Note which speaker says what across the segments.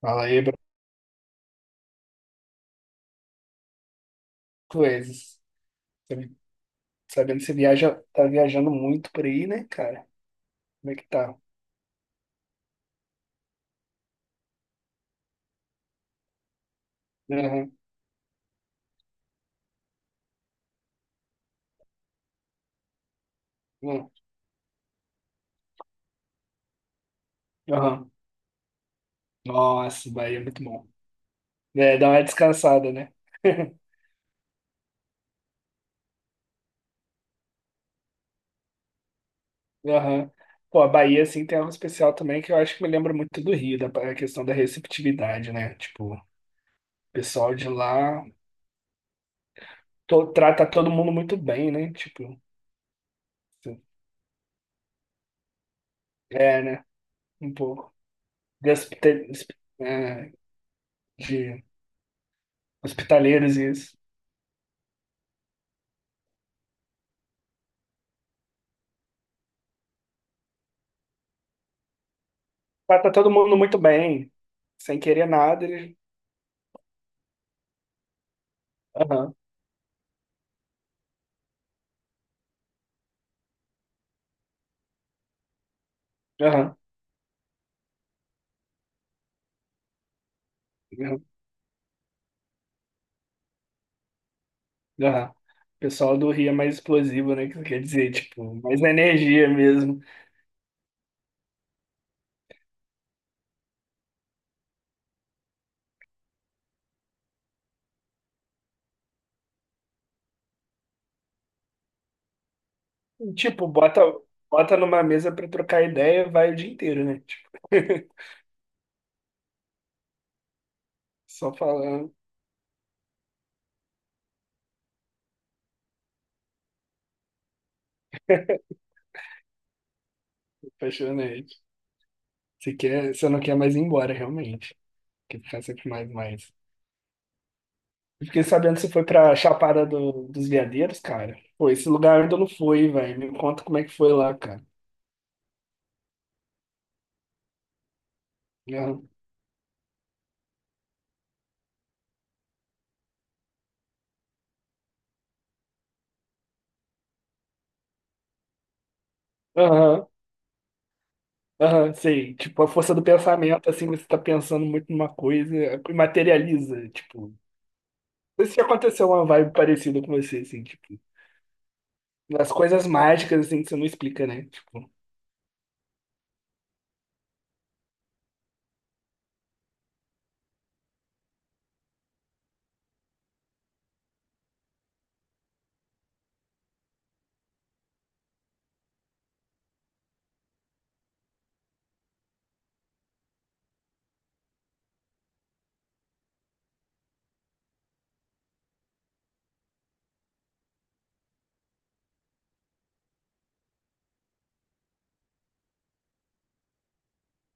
Speaker 1: Fala aí, Brancos. Sabendo que você viaja, tá viajando muito por aí, né, cara? Como é que tá? Aham, aham, aham. Nossa, Bahia é muito bom. É, dá uma descansada, né? Aham. Pô, a Bahia, assim, tem algo especial também que eu acho que me lembra muito do Rio, da a questão da receptividade, né? Tipo, o pessoal de lá trata todo mundo muito bem, né? Tipo, é, né? Um pouco. De, hospi- é, de hospitaleiros e isso. Tá todo mundo muito bem, sem querer nada. Eles... Aham, aham, aham, aham. O pessoal do Rio é mais explosivo, né? Quer dizer, tipo, mais energia mesmo. E, tipo, bota numa mesa pra trocar ideia, vai o dia inteiro, né? Tipo, só falando, apaixonante. Você não quer mais ir embora, realmente. Quer ficar sempre mais, mais. Eu fiquei sabendo que você foi pra Chapada dos Veadeiros, cara. Pô, esse lugar ainda não foi, velho. Me conta como é que foi lá, cara. Aham, aham, aham, sei. Tipo, a força do pensamento, assim, você tá pensando muito numa coisa e materializa, tipo. Não sei se aconteceu uma vibe parecida com você, assim, tipo. As coisas mágicas, assim, que você não explica, né? Tipo,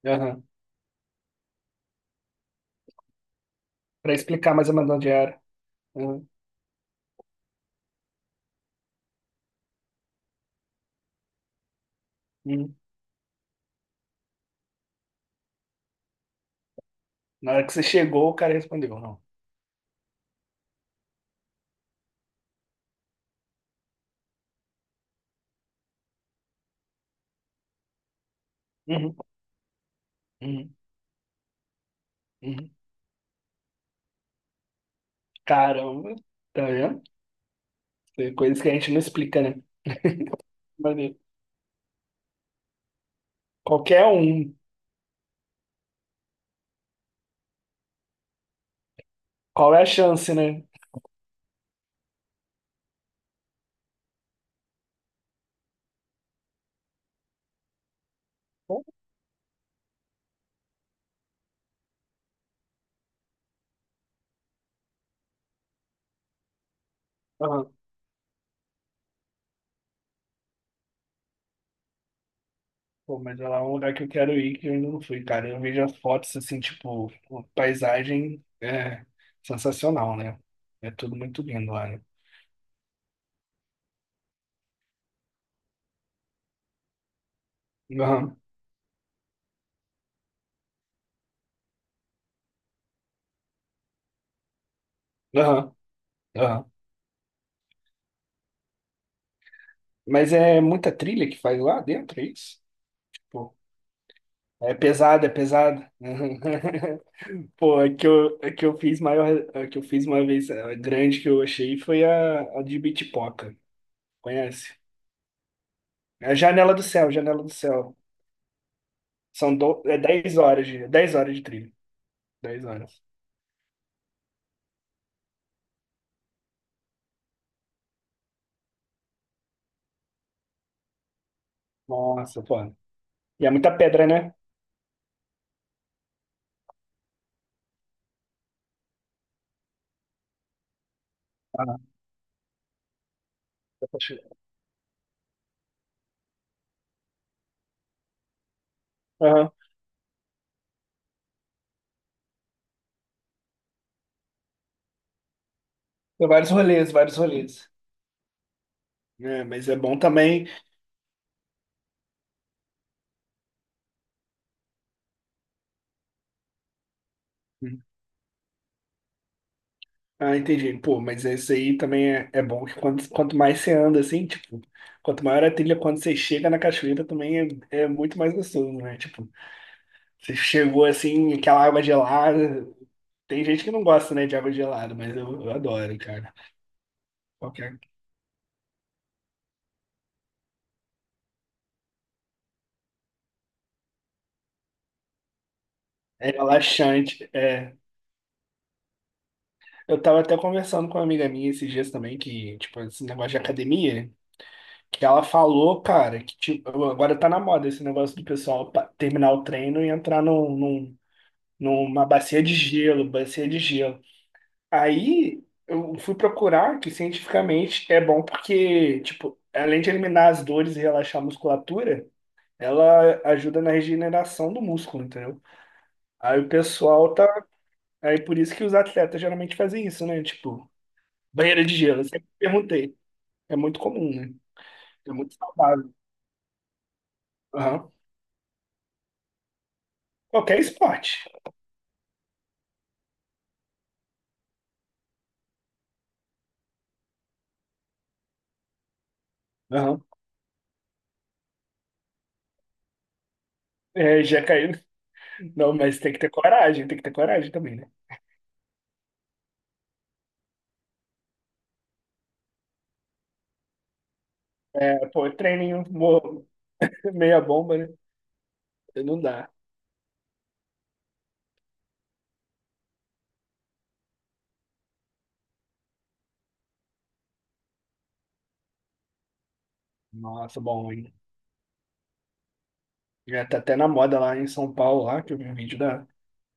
Speaker 1: aham. Pra explicar mais ou menos onde era. Aham, uhum. Na hora que você chegou, o cara respondeu, não. Uhum, uhum, uhum. Caramba, tá vendo? Tem coisas que a gente não explica, né? Maneiro. Qualquer um. Qual é a chance, né? Aham. Pô, mas lá é lá um lugar que eu quero ir que eu ainda não fui, cara. Eu vejo as fotos assim, tipo, uma paisagem é sensacional, né? É tudo muito lindo lá, né? Aham, aham, aham. Mas é muita trilha que faz lá dentro, é isso? Pô, é pesado, é pesado. Pô, a que eu fiz uma vez a grande que eu achei foi a de Bitpoca. Conhece? É a Janela do Céu, Janela do Céu. É 10 horas de trilha. 10 horas. Nossa, pô. E é muita pedra, né? Ah, dá pra chegar. Aham. Tem vários rolês, vários rolês. É, mas é bom também. Ah, entendi. Pô, mas esse aí também é bom que quanto mais você anda, assim, tipo, quanto maior a trilha, quando você chega na cachoeira também é muito mais gostoso, né? Tipo, você chegou assim, aquela água gelada. Tem gente que não gosta, né, de água gelada, mas eu adoro, cara. Qualquer... É relaxante. É. Eu tava até conversando com uma amiga minha esses dias também, que, tipo, esse negócio de academia. Que ela falou, cara, que tipo, agora tá na moda esse negócio do pessoal terminar o treino e entrar numa bacia de gelo, bacia de gelo. Aí eu fui procurar que cientificamente é bom porque, tipo, além de eliminar as dores e relaxar a musculatura, ela ajuda na regeneração do músculo, entendeu? Aí o pessoal tá. Aí por isso que os atletas geralmente fazem isso, né? Tipo, banheira de gelo. Eu sempre perguntei. É muito comum, né? É muito saudável. Aham. Qualquer esporte. Aham. É, já caiu. Não, mas tem que ter coragem, tem que ter coragem também, né? É, pô, treininho, meia bomba, né? Não dá. Nossa, bom, hein? Já tá até na moda lá em São Paulo, lá, que eu vi um vídeo da.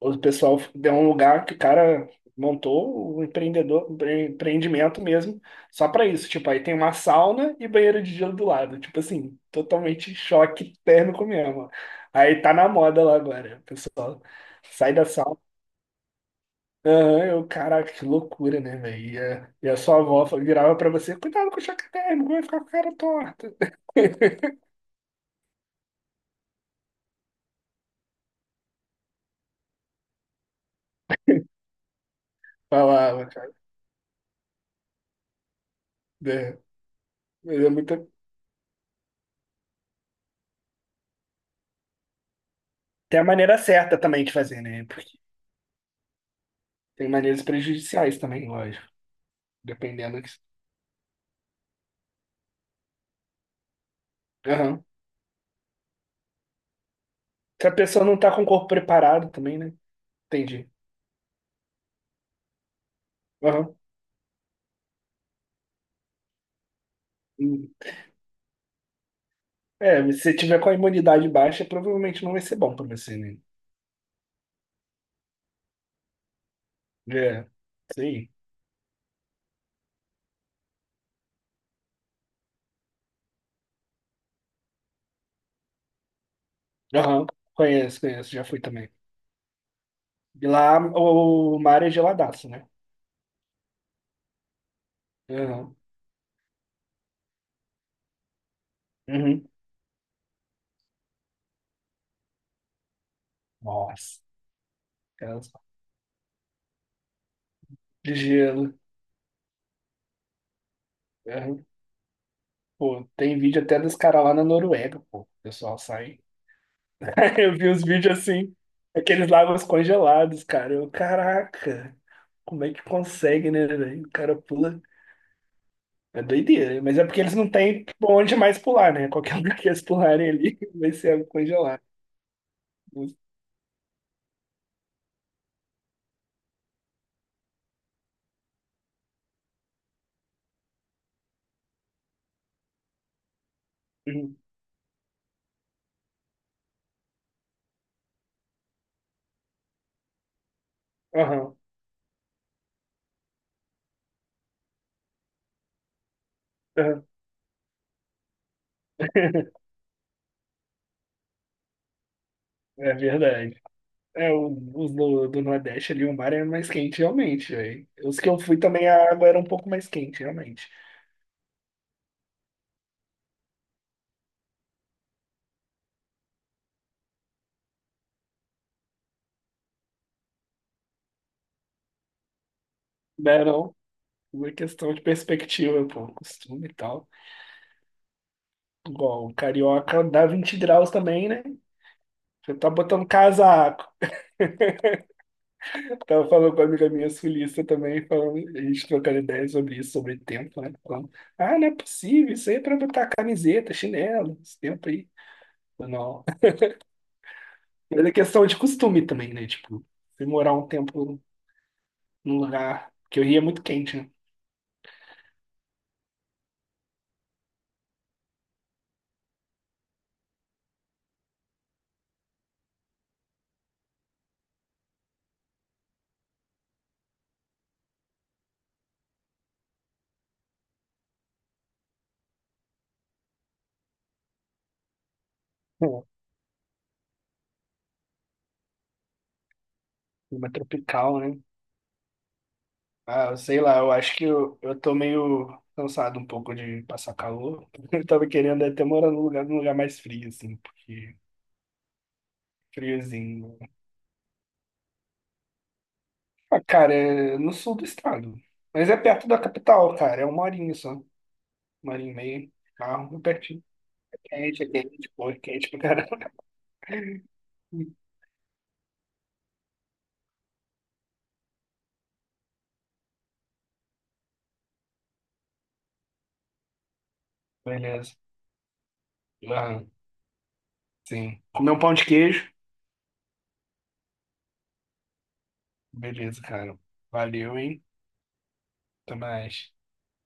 Speaker 1: O pessoal deu um lugar que o cara montou o empreendimento mesmo, só pra isso. Tipo, aí tem uma sauna e banheiro de gelo do lado. Tipo assim, totalmente choque térmico mesmo. Aí tá na moda lá agora. O pessoal sai da sauna. Aham, eu, caraca, que loucura, né, velho? E, e a sua avó virava pra você, cuidado com o choque térmico, vai ficar com a cara torta. Falava, cara, né? Mas é muita... Tem a maneira certa também de fazer, né? Porque tem maneiras prejudiciais também, lógico. Dependendo que... Aham. Se a pessoa não tá com o corpo preparado também, né? Entendi. Aham. Hum. É, se você tiver com a imunidade baixa, provavelmente não vai ser bom pra você, né? É, sim. Aham. Conheço, conheço, já fui também. E lá o mar é geladaço, né? Aham. Uhum. Nossa, aquelas- De gelo. Uhum. Pô, tem vídeo até dos caras lá na Noruega, pô. O pessoal sai. Eu vi os vídeos assim, aqueles lagos congelados, cara. Eu, caraca, como é que consegue, né, velho? O cara pula. É doideira, mas é porque eles não têm pra onde mais pular, né? Qualquer lugar que eles pularem ali vai ser água congelada. Uhum. Aham. Aham. É verdade. É, os do Nordeste ali, o mar é mais quente, realmente, velho. Os que eu fui também, a água era um pouco mais quente, realmente. Não, não. Uma questão de perspectiva, pô, costume e tal. Igual, o carioca dá 20 graus também, né? Você tá botando casaco. Tava falando com uma amiga minha sulista também, falando, a gente trocando ideias sobre isso, sobre tempo, né? Falando, ah, não é possível, isso aí é pra botar camiseta, chinelo, esse tempo aí. Eu, não. Mas é questão de costume também, né? Tipo, se morar um tempo num lugar, que o Rio é muito quente, né? Pô, clima tropical, né? Ah, sei lá, eu acho que eu tô meio cansado um pouco de passar calor. Eu tava querendo até morar num lugar mais frio, assim, porque friozinho. Ah, cara, é no sul do estado. Mas é perto da capital, cara. É uma horinha só. Uma horinha e meia de carro, pertinho. Quente, é quente, pô, é quente pra caramba. Beleza. Ah, sim. Comer um pão de queijo. Beleza, cara. Valeu, hein? Até mais.